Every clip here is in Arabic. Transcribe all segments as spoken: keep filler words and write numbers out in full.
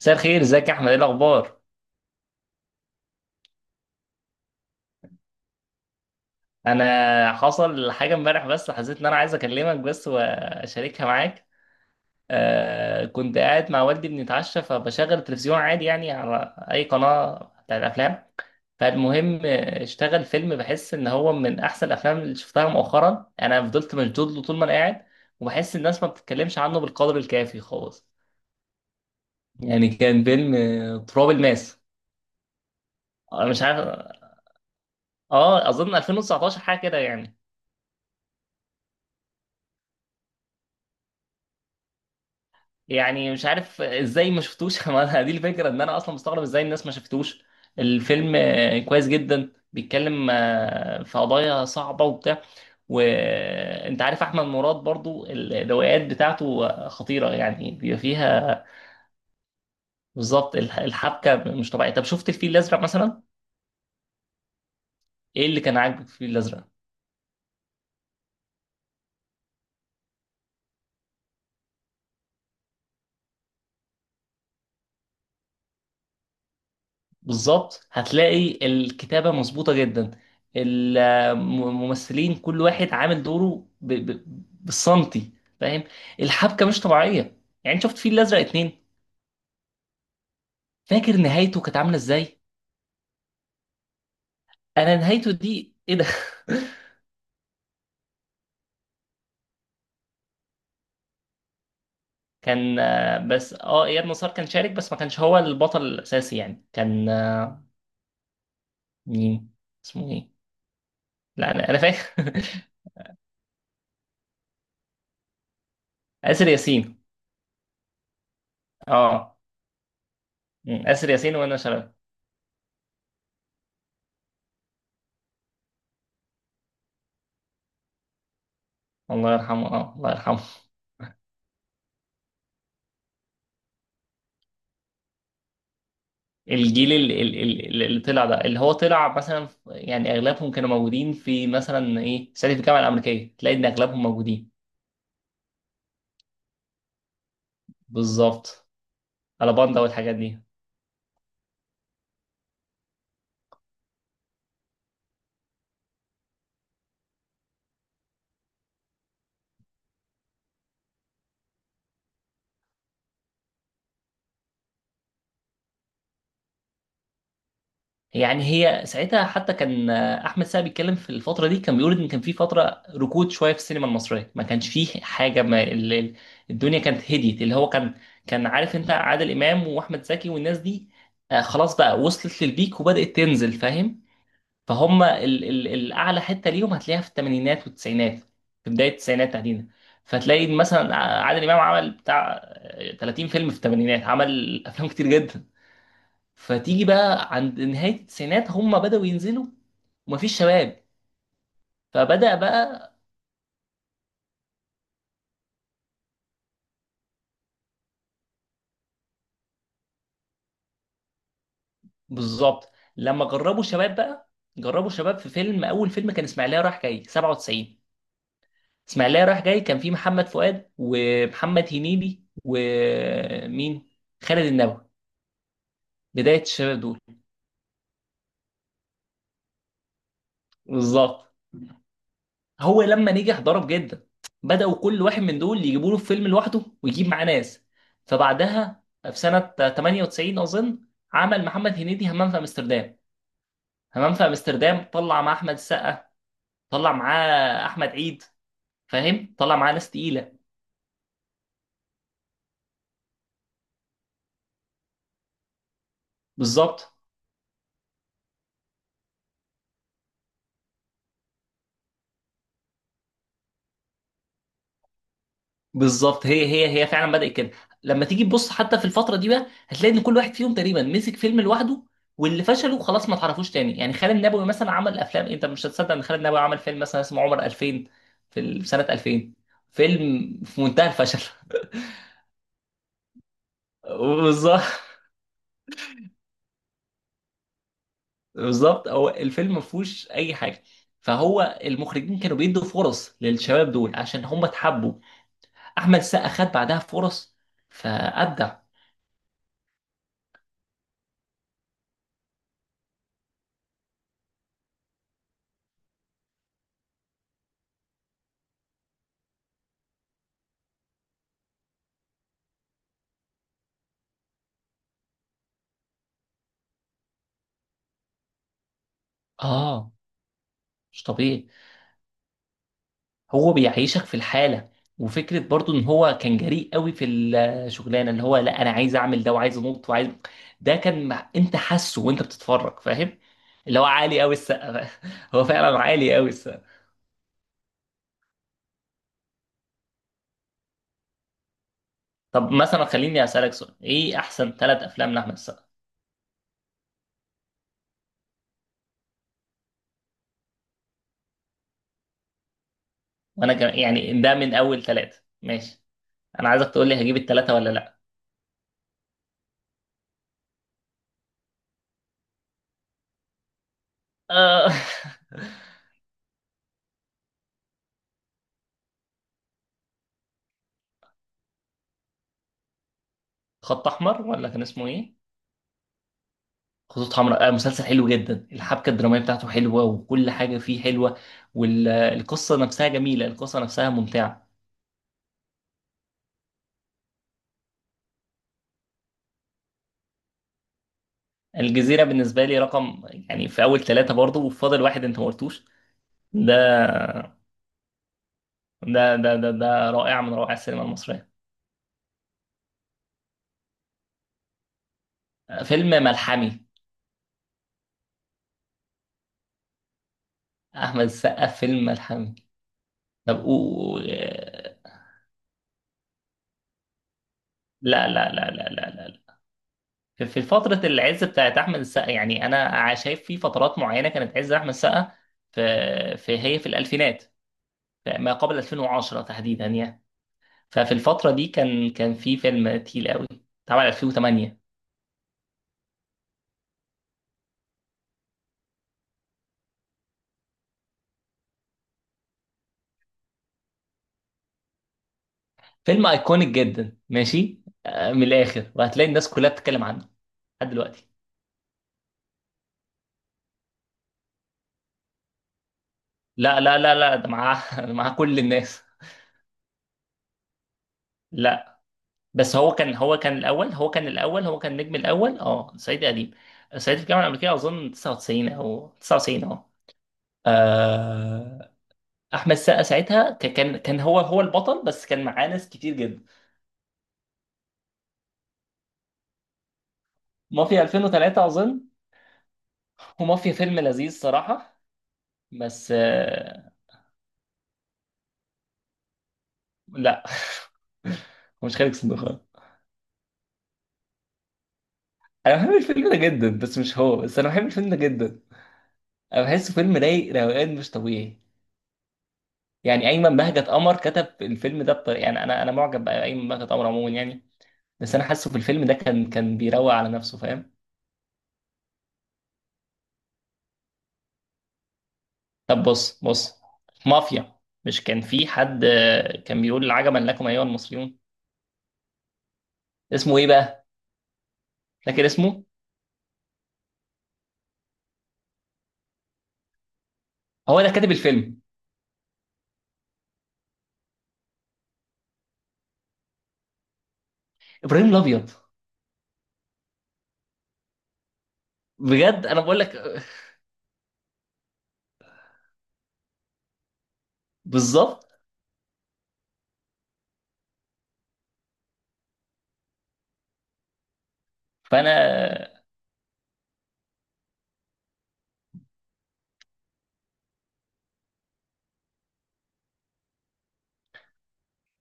مساء الخير، ازيك يا احمد؟ ايه الاخبار؟ انا حصل حاجه امبارح بس حسيت ان انا عايز اكلمك بس واشاركها معاك. آه كنت قاعد مع والدي بنتعشى، فبشغل التلفزيون عادي يعني، على اي قناه بتاع الافلام. فالمهم، آه، اشتغل فيلم بحس ان هو من احسن الافلام اللي شفتها مؤخرا، يعني انا فضلت مشدود له طول ما انا قاعد، وبحس الناس ما بتتكلمش عنه بالقدر الكافي خالص. يعني كان فيلم، آه، تراب الماس. أنا مش عارف، اه اظن ألفين وتسعة عشر حاجه كده يعني. يعني مش عارف ازاي ما شفتوش. ما أنا دي الفكره، ان انا اصلا مستغرب ازاي الناس ما شفتوش. الفيلم آه، كويس جدا، بيتكلم آه، في قضايا صعبه وبتاع. وانت عارف احمد مراد برضو، الروايات بتاعته آه، خطيره، يعني بيبقى فيها بالظبط. الح- الحبكه مش طبيعيه. طب شفت الفيل الازرق مثلا؟ ايه اللي كان عاجبك في الفيل الازرق؟ بالظبط، هتلاقي الكتابة مظبوطة جدا. الممثلين كل واحد عامل دوره ب... ب... بالسنتي. فاهم. الحبكة مش طبيعية. يعني شفت فيل الأزرق اتنين؟ فاكر نهايته كانت عاملة ازاي؟ انا نهايته دي ايه ده! كان آه، بس اه اياد نصار كان شارك بس ما كانش هو البطل الاساسي، يعني كان آه، مين؟ اسمه ايه؟ لا انا انا فاكر. آسر ياسين. اه. م، آسر ياسين وانا شرف. الله يرحمه، اه، الله يرحمه. الجيل ال- ال- ال- اللي طلع ده، اللي هو طلع مثلا في- يعني اغلبهم كانوا موجودين في مثلا ايه، صعيدي في الجامعه الامريكيه، تلاقي ان اغلبهم موجودين. بالظبط. على باندا والحاجات دي. يعني هي ساعتها حتى كان آه، احمد سعد بيتكلم في الفتره دي، كان بيقول ان كان في فتره ركود شويه في السينما المصريه، ما كانش فيه حاجه، ما ال- ال- الدنيا كانت هديت. اللي هو كان كان عارف، انت عادل امام واحمد زكي والناس دي آه، خلاص بقى، وصلت للبيك وبدات تنزل. فاهم؟ فهم ال ال الاعلى حته ليهم هتلاقيها في الثمانينات والتسعينات، في بدايه التسعينات تحديدا. فتلاقي مثلا عادل امام عمل بتاع تلاتين فيلم في الثمانينات، عمل افلام كتير جدا. فتيجي بقى عند نهايه التسعينات، هم بداوا ينزلوا، ومفيش شباب، فبدأ بقى. بالظبط. لما جربوا شباب بقى، جربوا شباب في فيلم، اول فيلم كان اسماعيليه رايح جاي سبعة وتسعين. اسماعيليه رايح جاي كان فيه محمد فؤاد ومحمد هنيدي ومين؟ خالد النبوي. بدايه الشباب دول. بالظبط. هو لما نجح ضرب جدا، بداوا كل واحد من دول يجيبوا له فيلم لوحده ويجيب معاه ناس. فبعدها في سنه تمانيه وتسعين اظن، عمل محمد هنيدي همام في امستردام. همام في امستردام طلع مع احمد السقا، طلع معاه احمد عيد، فاهم، طلع معاه ناس تقيله. بالظبط. بالظبط، هي هي هي فعلا بدأت كده. لما تيجي تبص حتى في الفترة دي بقى، هتلاقي ان كل واحد فيهم تقريبا مسك فيلم لوحده، واللي فشلوا خلاص ما تعرفوش تاني. يعني خالد النبوي مثلا عمل افلام انت مش هتصدق، ان خالد النبوي عمل فيلم مثلا اسمه عمر ألفين، في ال- في سنة ألفين، فيلم في منتهى الفشل. بالظبط. بالظبط، هو الفيلم ما فيهوش اي حاجه. فهو المخرجين كانوا بيدوا فرص للشباب دول عشان هم اتحبوا. احمد السقا خد بعدها فرص، فابدع. اه، مش طبيعي. هو بيعيشك في الحالة. وفكرة برضو ان هو كان جريء قوي في الشغلانة، اللي هو لا انا عايز اعمل ده، وعايز انط، وعايز، ده كان مع، انت حاسه وانت بتتفرج، فاهم؟ اللي هو عالي قوي السقا! هو فعلا عالي قوي السقا. طب مثلا خليني اسالك سؤال، ايه احسن ثلاث افلام لاحمد السقا؟ وانا جم... يعني ده من اول ثلاثة، ماشي. انا عايزك تقول لي، هجيب الثلاثة ولا لا؟ آه. خط احمر، ولا كان اسمه ايه؟ خطوط حمراء، آه، مسلسل حلو جدا. الحبكه الدراميه بتاعته حلوه وكل حاجه فيه حلوه، والقصه نفسها جميله، القصه نفسها ممتعه. الجزيره بالنسبه لي رقم، يعني في اول ثلاثه برضه. وفاضل واحد، انت ما قلتوش ده. ده ده ده, ده رائع من روائع السينما المصريه. آه، فيلم ملحمي. احمد السقا فيلم ملحمي. طب و، آه، لا لا لا لا لا لا لا. في في فتره العز بتاعت احمد السقا. يعني انا شايف في فترات معينه كانت عز احمد السقا، في، في هي في الالفينات، ما قبل ألفين وعشره تحديدا يعني. ففي الفترة دي كان كان في فيلم تقيل قوي، اتعمل ألفين وثمانية. فيلم ايكونيك جدا، ماشي، آه، من الاخر، وهتلاقي الناس كلها بتتكلم عنه لحد دلوقتي. لا لا لا لا، ده معاه، معاه كل الناس. لا بس هو كان، هو كان الاول، هو كان الاول، هو كان النجم الاول. اه، صعيدي قديم. صعيدي في الجامعة الأمريكية أظن تسعه وتسعين أو تسعه وتسعين، اه. آه، أحمد السقا ساعتها ك- كان، كان هو هو البطل، بس كان معاه ناس كتير جدا. مافيا ألفين وثلاثة أظن، ومافيا فيلم لذيذ صراحة، بس آه، لا. هو مش خالد صديق خالص. انا بحب الفيلم ده جدا بس مش هو، بس انا بحب الفيلم ده جدا. انا بحسه فيلم رايق روقان مش طبيعي. يعني ايمن بهجت قمر كتب الفيلم ده بطريقة، يعني انا انا معجب بايمن بهجت قمر عموما يعني، بس انا حاسه في الفيلم ده كان كان بيروق على نفسه، فاهم. طب بص بص، مافيا، مش كان في حد آه، كان بيقول عجبا لكم ايها المصريون؟ اسمه ايه بقى؟ فاكر اسمه؟ هو ده كاتب الفيلم. ابراهيم الابيض. بجد، انا بقول لك آه، بالظبط. فانا،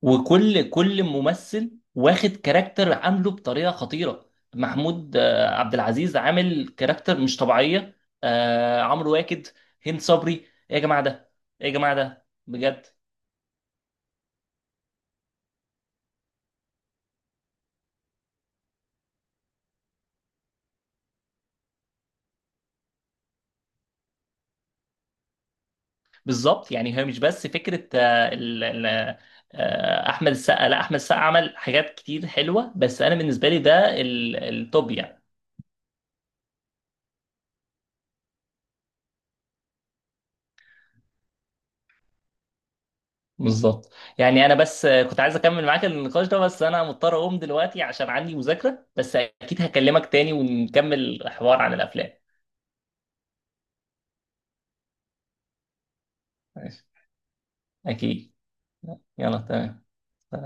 وكل كل ممثل واخد كاركتر عامله بطريقه خطيره. محمود آه، عبد العزيز عامل كاركتر مش طبيعيه، آه، عمرو واكد، هند صبري، ايه يا جماعه ده! ايه يا جماعه ده بجد! بالظبط. يعني هي مش بس فكره آه، ال- ال- آه، احمد السقا، لا احمد السقا عمل حاجات كتير حلوه، بس انا بالنسبه لي ده ال- التوب يعني. بالظبط. يعني انا بس كنت عايز اكمل معاك النقاش ده، بس انا مضطر اقوم دلوقتي عشان عندي مذاكرة، بس اكيد هكلمك تاني ونكمل الحوار عن الافلام. ماشي. اكيد. يلا. تمام.